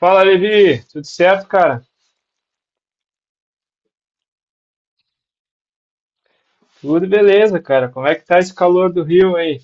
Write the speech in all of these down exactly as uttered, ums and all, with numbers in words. Fala, Levi. Tudo certo, cara? Tudo beleza, cara. Como é que tá esse calor do Rio aí?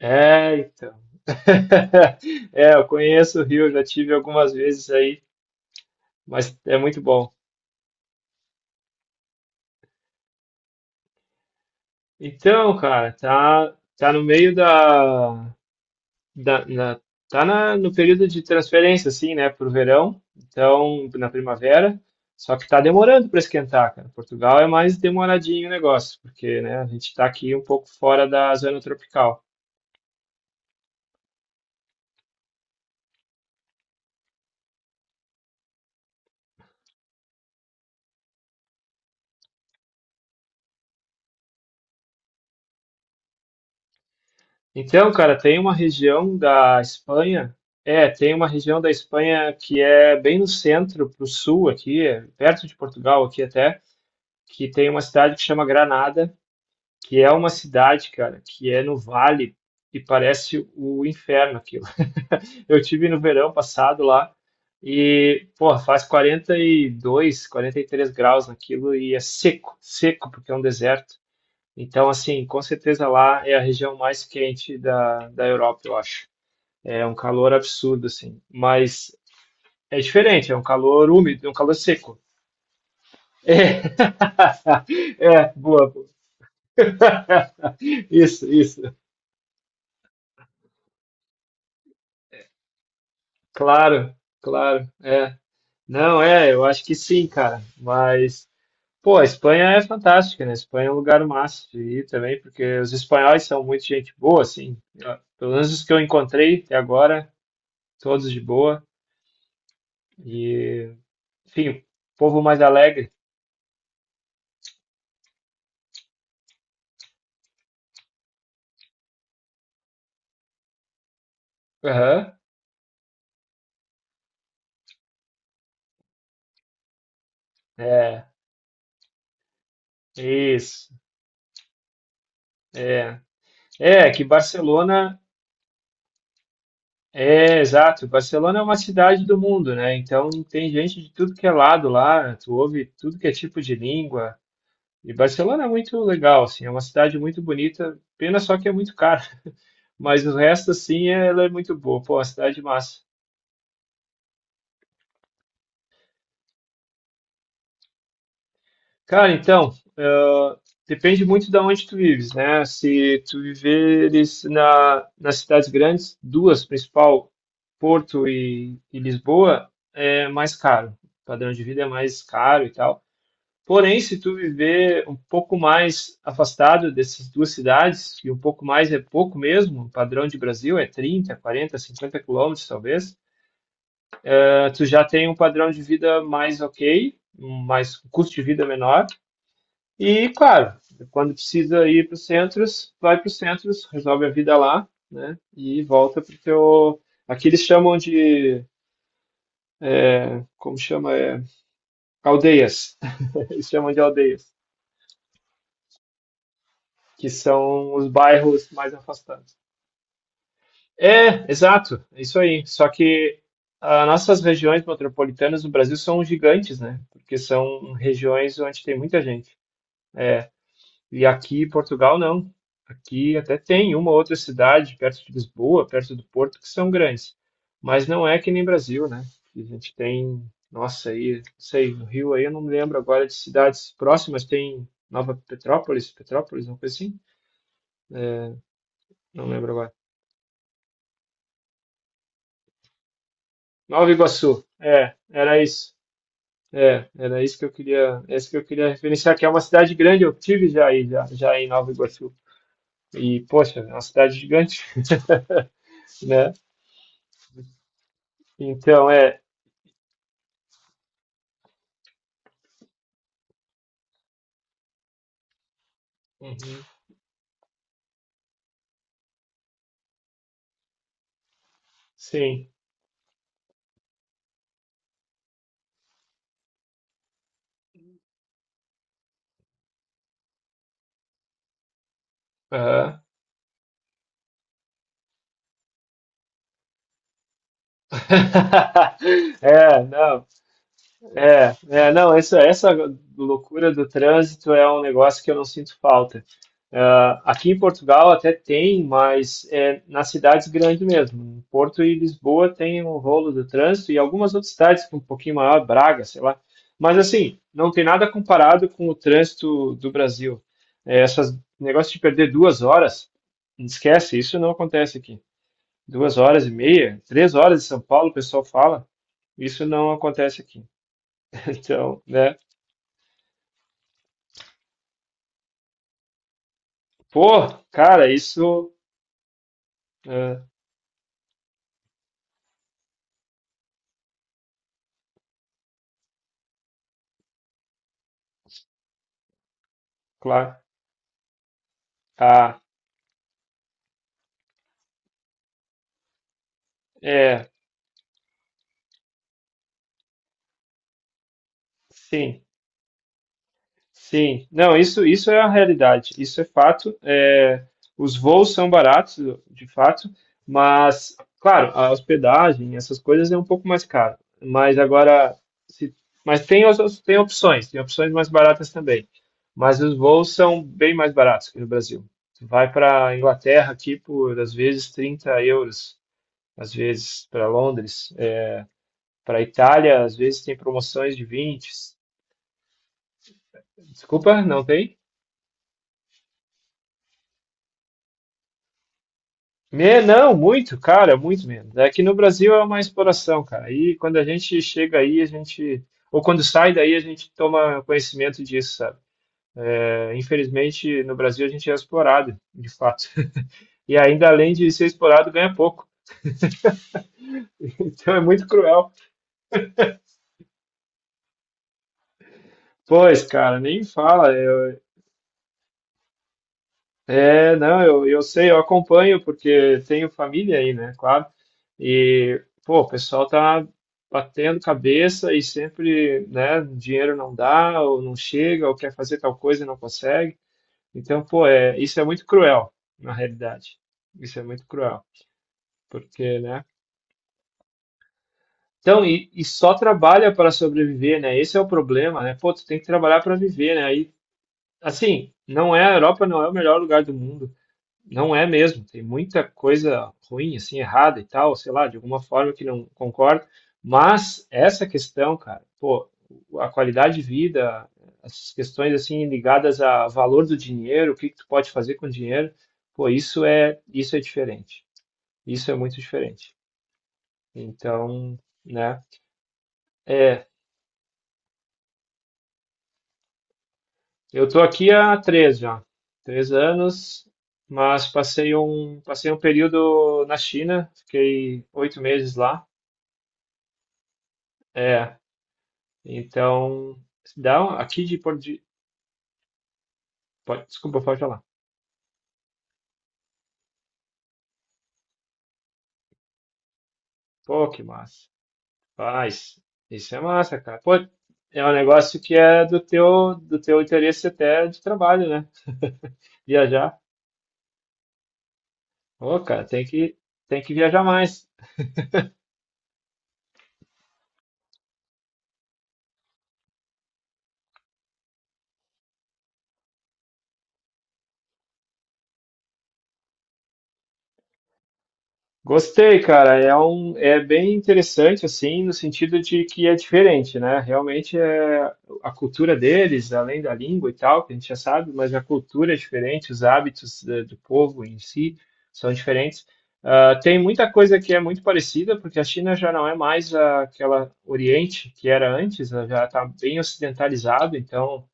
É, então. É, eu conheço o Rio, já tive algumas vezes aí, mas é muito bom. Então, cara, tá, tá no meio da, da- na- tá na- no período de transferência, assim, né, pro verão, então, na primavera, só que tá demorando para esquentar, cara. Portugal é mais demoradinho o negócio, porque, né, a gente tá aqui um pouco fora da zona tropical. Então, cara, tem uma região da Espanha, é, tem uma região da Espanha que é bem no centro, pro sul aqui, é perto de Portugal aqui até, que tem uma cidade que chama Granada, que é uma cidade, cara, que é no vale e parece o inferno aquilo. Eu tive no verão passado lá e, porra, faz quarenta quarenta e dois, quarenta e três graus naquilo e é seco, seco porque é um deserto. Então, assim, com certeza lá é a região mais quente da, da Europa, eu acho. É um calor absurdo, assim. Mas é diferente, é um calor úmido, é um calor seco. É, é boa. Boa. Isso, isso. Claro, claro. É. Não, é, eu acho que sim, cara. Mas, pô, a Espanha é fantástica, né? A Espanha é um lugar massa de ir também, porque os espanhóis são muito gente boa, assim. Eu- Pelo menos os que eu encontrei até agora, todos de boa. E, enfim, povo mais alegre. Aham. É, isso. É, é que Barcelona é exato. Barcelona é uma cidade do mundo, né? Então tem gente de tudo que é lado lá. Tu ouve tudo que é tipo de língua. E Barcelona é muito legal, assim, é uma cidade muito bonita. Pena só que é muito cara, mas o resto assim ela é muito boa. Pô, uma cidade massa. Cara, então, ah, depende muito de onde tu vives, né? Se tu viveres na, nas cidades grandes, duas principal, Porto e, e Lisboa, é mais caro. O padrão de vida é mais caro e tal. Porém, se tu viver um pouco mais afastado dessas duas cidades, e um pouco mais é pouco mesmo, o padrão de Brasil é trinta, quarenta, cinquenta quilômetros, talvez, ah, tu já tem um padrão de vida mais ok, um mais um custo de vida menor e, claro, quando precisa ir para os centros, vai para os centros, resolve a vida lá, né? E volta para o teu. Aqui eles chamam de. Como chama? É, aldeias. Eles chamam de aldeias, que são os bairros mais afastados. É, exato, é isso aí. Só que as nossas regiões metropolitanas no Brasil são gigantes, né? Porque são regiões onde tem muita gente. É, e aqui em Portugal, não. Aqui até tem uma outra cidade perto de Lisboa, perto do Porto, que são grandes. Mas não é que nem Brasil, né? A gente tem, nossa, aí, não sei, no Rio aí eu não me lembro agora de cidades próximas, tem Nova Petrópolis, Petrópolis, uma coisa assim? É, não lembro agora. Nova Iguaçu. É, era isso. É, era isso que eu queria, essa que eu queria referenciar, que é uma cidade grande, eu tive já aí, já, já em Nova Iguaçu. E, poxa, é uma cidade gigante, né? Então, é. Uhum. Sim. Aham. É, não. É, é, não, essa, essa loucura do trânsito é um negócio que eu não sinto falta. Ah, aqui em Portugal até tem, mas é nas cidades grandes mesmo. Em Porto e Lisboa tem um rolo do trânsito e algumas outras cidades com um pouquinho maior, Braga, sei lá. Mas assim, não tem nada comparado com o trânsito do Brasil. É, essas negócio de perder duas horas, esquece, isso não acontece aqui. Duas horas e meia, três horas em São Paulo, o pessoal fala. Isso não acontece aqui. Então, né? Pô, cara, isso, é, claro. Ah, é, sim. Sim, não, isso, isso é a realidade, isso é fato. É, os voos são baratos, de fato, mas, claro, a hospedagem, essas coisas é um pouco mais caro. Mas agora, se, mas tem, as- tem opções, tem opções mais baratas também. Mas os voos são bem mais baratos aqui no Brasil. Tu vai para Inglaterra aqui por, às vezes, trinta euros, às vezes para Londres. Para Itália, às vezes tem promoções de vinte. Desculpa, não tem? Me- Não, muito, cara, muito menos. Aqui no Brasil é uma exploração, cara. Aí quando a gente chega aí, a gente, ou quando sai daí, a gente toma conhecimento disso, sabe? É, infelizmente, no Brasil a gente é explorado, de fato. E ainda além de ser explorado, ganha pouco. Então é muito cruel. Pois, cara, nem fala. É, não, eu, eu sei, eu acompanho porque tenho família aí, né? Claro. E, pô, o pessoal tá batendo cabeça e sempre, né, dinheiro não dá, ou não chega, ou quer fazer tal coisa e não consegue. Então, pô, é, isso é muito cruel, na realidade. Isso é muito cruel, porque, né? Então, e, e só trabalha para sobreviver, né? Esse é o problema, né? Pô, tu tem que trabalhar para viver, né? Aí, assim, não é, a Europa não é o melhor lugar do mundo. Não é mesmo, tem muita coisa ruim, assim, errada e tal, sei lá, de alguma forma que não concordo, mas essa questão, cara, pô, a qualidade de vida, as questões, assim, ligadas ao valor do dinheiro, o que que tu pode fazer com o dinheiro, pô, isso é, isso é diferente, isso é muito diferente. Então, né, é, eu tô aqui há três já, três anos, mas passei um, passei um período na China, fiquei oito meses lá. É. Então, dá um, aqui de Porto de, Po- desculpa, pode falar. Pô, que massa. Faz. Isso é massa, cara. Pô, é um negócio que é do teu, do teu interesse até de trabalho, né? Viajar. Pô, cara, tem que, tem que viajar mais. Gostei, cara. É um, é bem interessante, assim, no sentido de que é diferente, né? Realmente é a cultura deles, além da língua e tal, que a gente já sabe, mas a cultura é diferente, os hábitos eh, do povo em si são diferentes. Ah, tem muita coisa que é muito parecida, porque a China já não é mais a- aquela Oriente que era antes, né? Já está bem ocidentalizado, então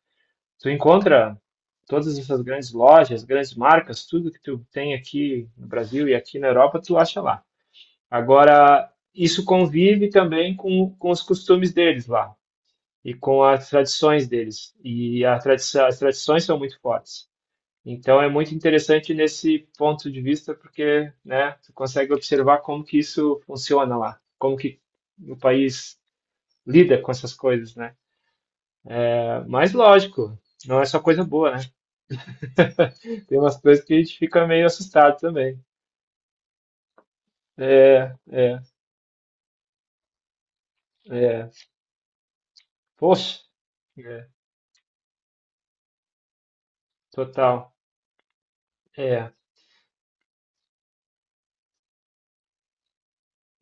tu encontra todas essas grandes lojas, grandes marcas, tudo que tu tem aqui no Brasil e aqui na Europa, tu acha lá. Agora, isso convive também com, com os costumes deles lá e com as tradições deles. E a tradição, as tradições são muito fortes. Então é muito interessante nesse ponto de vista porque, né, tu consegue observar como que isso funciona lá, como que o país lida com essas coisas, né? Mas lógico, não é só coisa boa, né? Tem umas coisas que a gente fica meio assustado também. É, é, é. Poxa, é, total. É.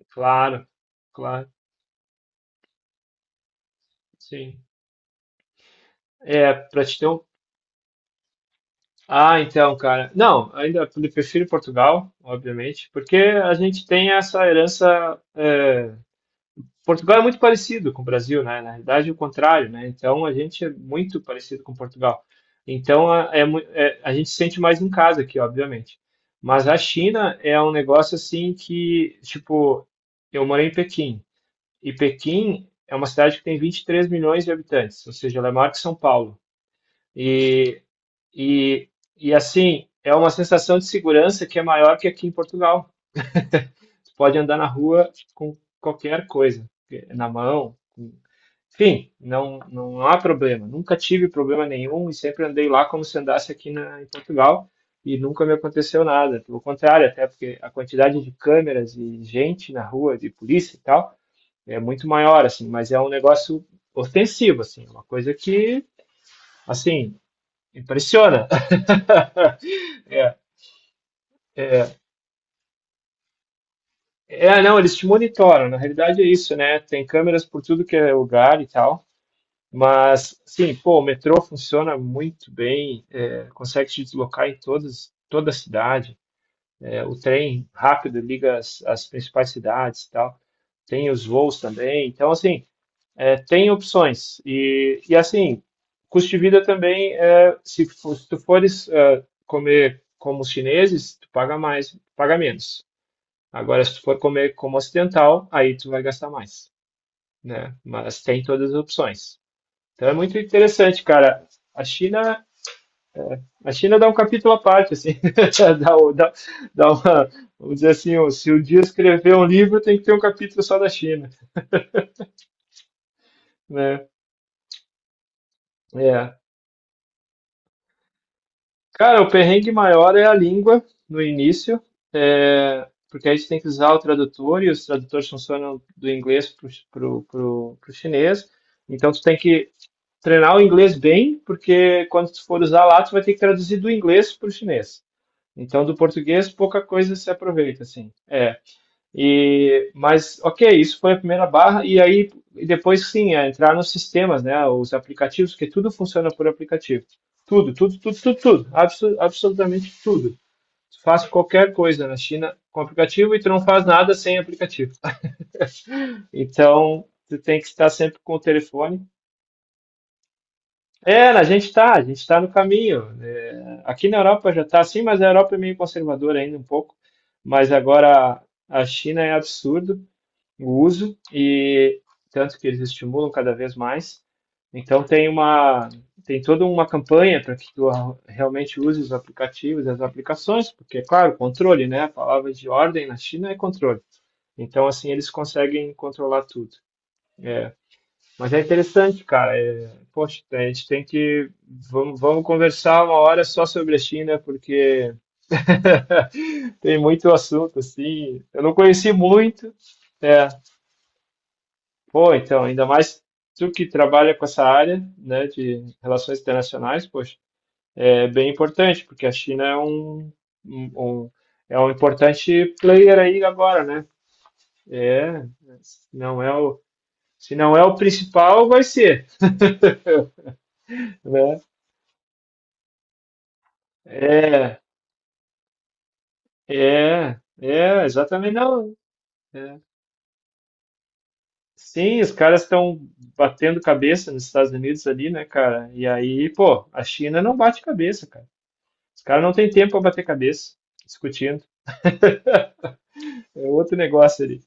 Claro, claro, sim. É, para te ter um. Ah, então, cara. Não, ainda pre- prefiro Portugal, obviamente, porque a gente tem essa herança. É. Portugal é muito parecido com o Brasil, né? Na realidade, é o contrário, né? Então, a gente é muito parecido com Portugal. Então, a- é, mu- é, a gente se sente mais em casa aqui, obviamente. Mas a China é um negócio assim que, tipo, eu morei em Pequim, e Pequim é uma cidade que tem vinte e três milhões de habitantes, ou seja, ela é maior que São Paulo. E, e, e assim, é uma sensação de segurança que é maior que aqui em Portugal. Tu pode andar na rua com qualquer coisa, na mão, com- enfim, não, não há problema. Nunca tive problema nenhum e sempre andei lá como se andasse aqui na, em Portugal e nunca me aconteceu nada. Pelo contrário, até porque a quantidade de câmeras e gente na rua, de polícia e tal, é muito maior, assim, mas é um negócio ofensivo, assim, uma coisa que, assim, impressiona. É, não, eles te monitoram, na realidade é isso, né? Tem câmeras por tudo que é lugar e tal. Mas, sim, pô, o metrô funciona muito bem, é, consegue se deslocar em todas, toda a cidade. É, o trem rápido liga as, as principais cidades e tal. Tem os voos também. Então, assim, é, tem opções. E, e, assim, custo de vida também, é, se, fo- se tu fores é, comer como os chineses, tu paga mais, paga menos. Agora, se tu for comer como ocidental, aí tu vai gastar mais, né? Mas tem todas as opções. Então é muito interessante, cara. A China, a China dá um capítulo à parte, assim, dá, o- dá, dá uma, vamos dizer assim, ó, se um dia escrever um livro, tem que ter um capítulo só da China, né? É. Cara, o perrengue maior é a língua no início, é, porque aí você tem que usar o tradutor e os tradutores funcionam do inglês para o chinês. Então, tu tem que treinar o inglês bem, porque quando tu for usar lá, tu vai ter que traduzir do inglês para o chinês. Então, do português, pouca coisa se aproveita, assim. É. E, mas, ok, isso foi a primeira barra. E aí, e depois, sim, é entrar nos sistemas, né? Os aplicativos, porque tudo funciona por aplicativo. Tudo, tudo, tudo, tudo, tudo. Absu- absolutamente tudo. Tu faz qualquer coisa na China com aplicativo e tu não faz nada sem aplicativo. Então, tu tem que estar sempre com o telefone. É, a gente está, a gente está no caminho. É, aqui na Europa já está assim, mas a Europa é meio conservadora ainda um pouco. Mas agora a China é absurdo o uso, e tanto que eles estimulam cada vez mais. Então tem uma, tem toda uma campanha para que tu a- realmente use os aplicativos, as aplicações, porque, é claro, controle, né? A palavra de ordem na China é controle. Então, assim, eles conseguem controlar tudo. É, mas é interessante, cara. É, poxa, a gente tem que. Vamos, vamos conversar uma hora só sobre a China, porque tem muito assunto, assim. Eu não conheci muito. É, pô, então, ainda mais tu que trabalha com essa área, né, de relações internacionais, poxa, é bem importante, porque a China é um, um- um- é um importante player aí agora, né? É, se não é o, se não é o principal, vai ser, né? É, É, é, exatamente, não. É. Sim, os caras estão batendo cabeça nos Estados Unidos ali, né, cara? E aí, pô, a China não bate cabeça, cara. Os caras não têm tempo para bater cabeça, discutindo. É outro negócio ali.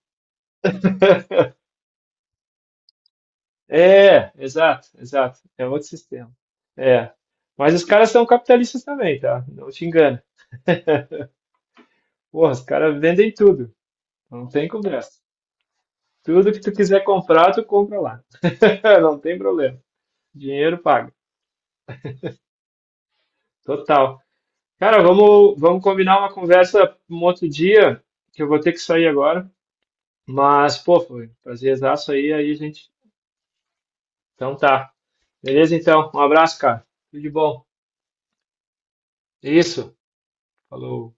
É, exato, exato. É outro sistema. É. Mas os caras são capitalistas também, tá? Não te engana. Porra, os caras vendem tudo. Não tem conversa. Tudo que tu quiser comprar, tu compra lá. Não tem problema. Dinheiro paga. Total. Cara, vamos, vamos combinar uma conversa um outro dia, que eu vou ter que sair agora. Mas, pô, foi um prazerzaço aí, aí, gente. Então tá. Beleza, então. Um abraço, cara. Tudo de bom. Isso. Falou.